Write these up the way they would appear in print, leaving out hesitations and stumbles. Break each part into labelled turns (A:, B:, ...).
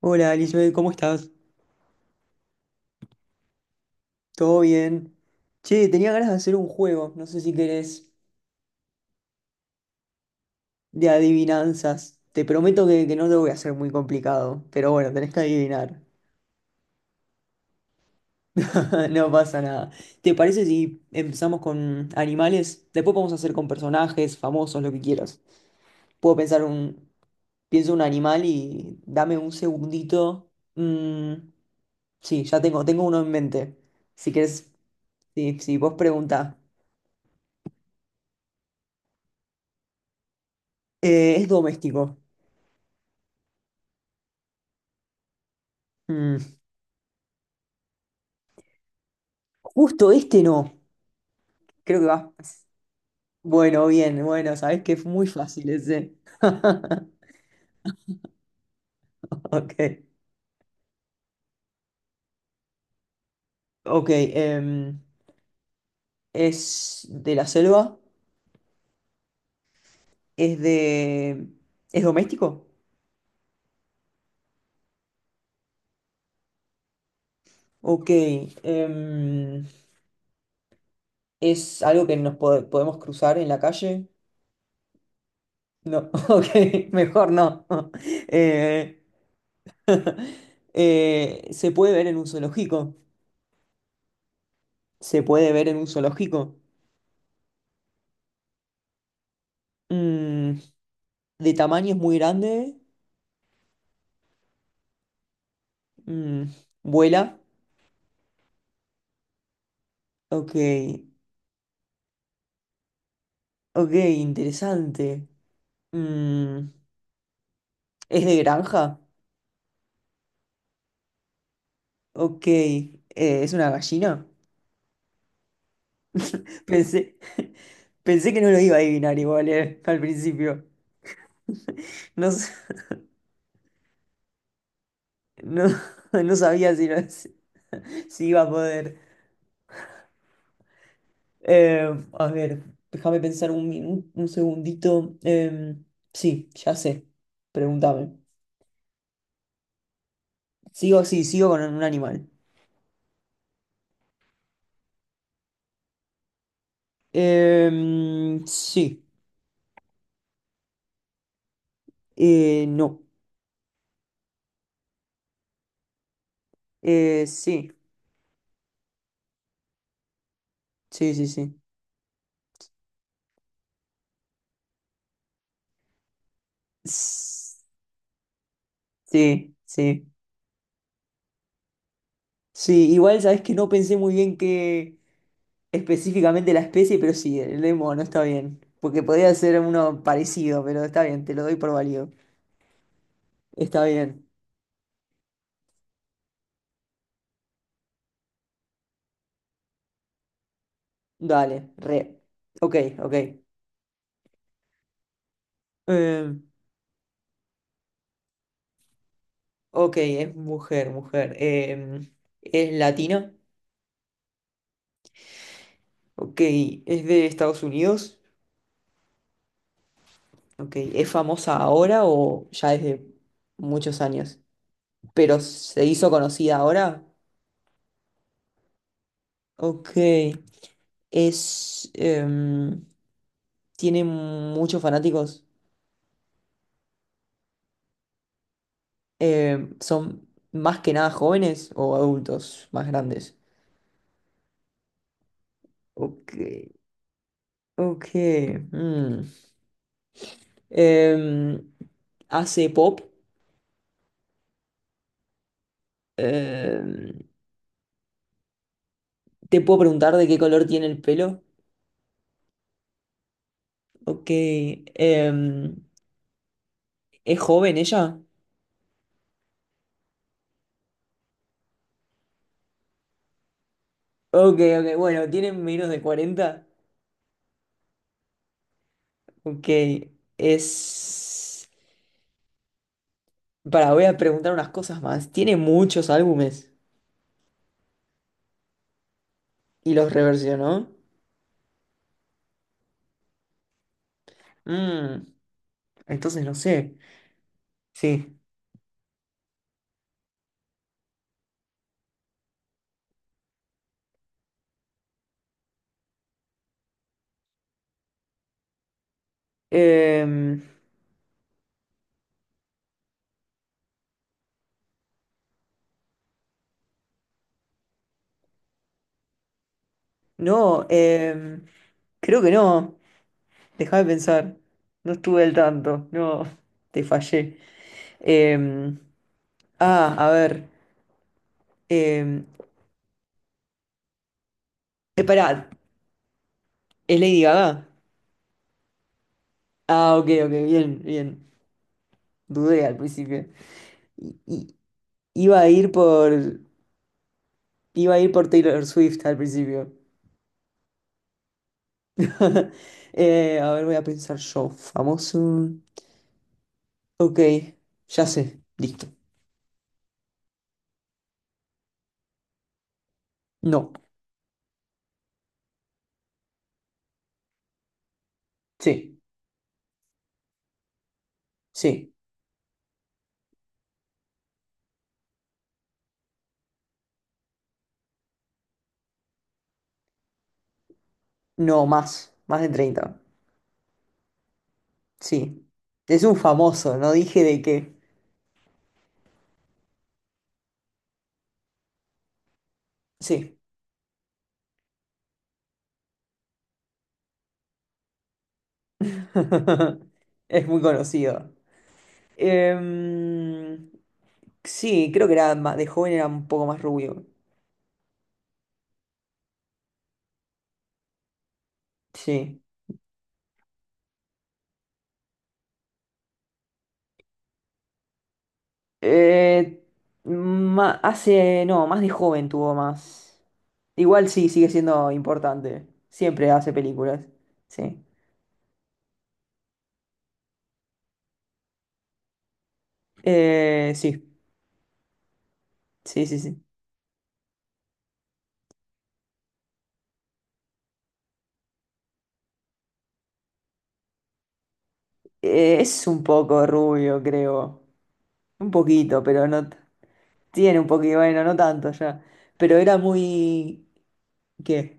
A: Hola, Elizabeth, ¿cómo estás? ¿Todo bien? Che, tenía ganas de hacer un juego, no sé si querés, de adivinanzas. Te prometo que no te voy a hacer muy complicado, pero bueno, tenés que adivinar. No pasa nada. ¿Te parece si empezamos con animales? Después podemos hacer con personajes, famosos, lo que quieras. Puedo pensar un... Pienso un animal y dame un segundito. Sí, ya tengo uno en mente. Si querés, sí, sí, vos preguntá. ¿Es doméstico? Mm. Justo este no. Creo que va. Bueno, bien, bueno, sabés que es muy fácil ese. Ok. Ok. ¿Es de la selva? ¿Es de. ¿Es doméstico? Ok. em, ¿Es algo que podemos cruzar en la calle? No. Ok, mejor no. Eh, ¿se puede ver en un zoológico? ¿Se puede ver en un zoológico? Mm, ¿De tamaño es muy grande? Mm, ¿Vuela? Ok, ok, interesante. Mm, ¿Es de granja? Ok, ¿es una gallina? Pensé, pensé que no lo iba a adivinar igual, al principio. No, no, no sabía si, si si iba a poder. A ver, déjame pensar un, un segundito. Sí, ya sé. Pregúntame. Sigo, sí, sigo con un animal. Sí. No. Sí, sí, sí, sí. S- Sí, sí. Sí, igual sabes que no pensé muy bien que específicamente la especie, pero sí, el lemo no está bien. Porque podría ser uno parecido, pero está bien, te lo doy por válido. Está bien. Dale, re. Ok, ok. Eh, ok, es mujer. Es latina. Ok, es de Estados Unidos. Ok, ¿es famosa ahora o ya desde muchos años? Pero se hizo conocida ahora. Ok, es, tiene muchos fanáticos. Son más que nada jóvenes o adultos más grandes. Ok, ok. mm. Em, hace pop. Em, te puedo preguntar de qué color tiene el pelo. Ok, em, ¿es joven ella? Ok, ok, bueno, tiene menos de 40. Ok, es... Para, voy a preguntar unas cosas más. Tiene muchos álbumes y los reversionó. Mm, entonces no sé. Sí. Em, no, creo que no. Dejá de pensar. No estuve al tanto. No, te fallé. Em, ah, a ver. Em, pará, ¿es Lady Gaga? Ah, ok, ok, bien, bien. Dudé al principio. I- i- Iba a iba a ir por Taylor Swift al principio. A ver, voy a pensar yo. Famoso. Ok, ya sé. Listo. No. Sí, sí. No, más. Más de 30. Sí. Es un famoso, no dije de qué. Sí. Es muy conocido. Em, sí, creo que de joven era un poco más rubio. Sí. Eh, hace, no, más de joven tuvo más. Igual sí, sigue siendo importante. Siempre hace películas. Sí. Sí, sí, sí, sí. Es un poco rubio, creo. Un poquito, pero no. Tiene un poquito, bueno, no tanto ya. Pero era muy... ¿Qué?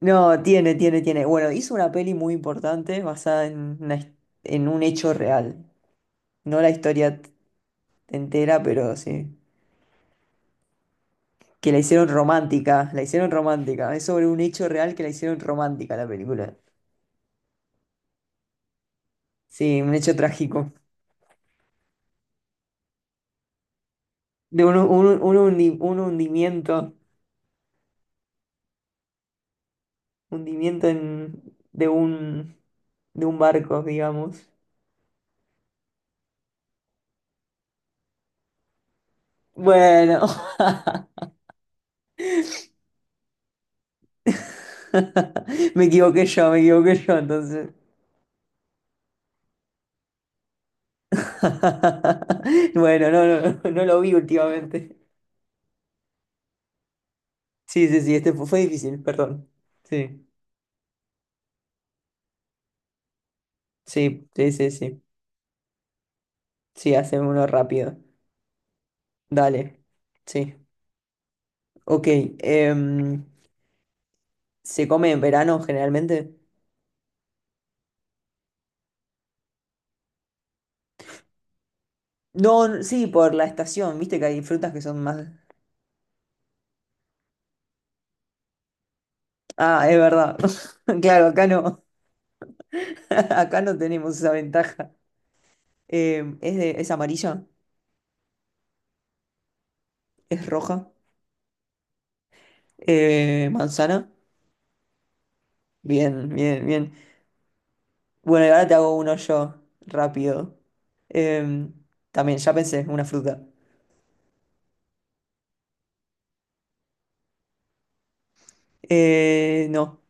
A: No, tiene. Bueno, hizo una peli muy importante basada en, en un hecho real. No la historia t- entera, pero sí. Que la la hicieron romántica. Es sobre un hecho real que la hicieron romántica la película. Sí, un hecho trágico. De un hundimiento, hundimiento en- de de un barco, digamos. Bueno, me equivoqué yo entonces. Bueno, no, no, no, no lo vi últimamente. Sí, sí, sí, fue difícil, perdón. Sí, sí, sí, sí, sí. Sí, hacemos uno rápido. Dale, sí, ok. em, ¿Se come en verano generalmente? No, sí, por la estación, viste que hay frutas que son más... Ah, es verdad. Claro, acá no, acá no tenemos esa ventaja. Es de, es amarilla, es roja, manzana. Bien, bien, bien. Bueno, y ahora te hago uno yo, rápido. Em, también, ya pensé, una fruta. No,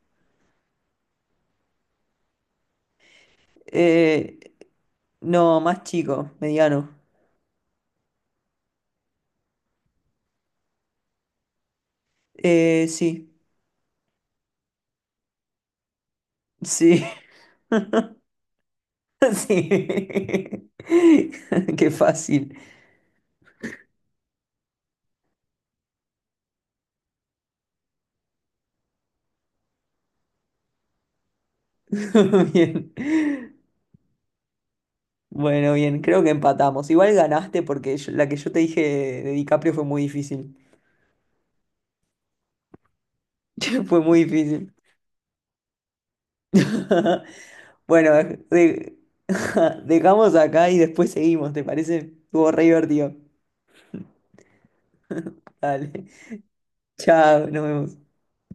A: eh, no, más chico, mediano. Sí. Sí, sí. Qué fácil. Bien. Bueno, bien, creo que empatamos. Igual ganaste porque la que yo te dije de DiCaprio fue muy difícil. Fue muy difícil. Bueno, de- dejamos acá y después seguimos, ¿te parece? Estuvo re divertido. Dale. Chao, nos vemos.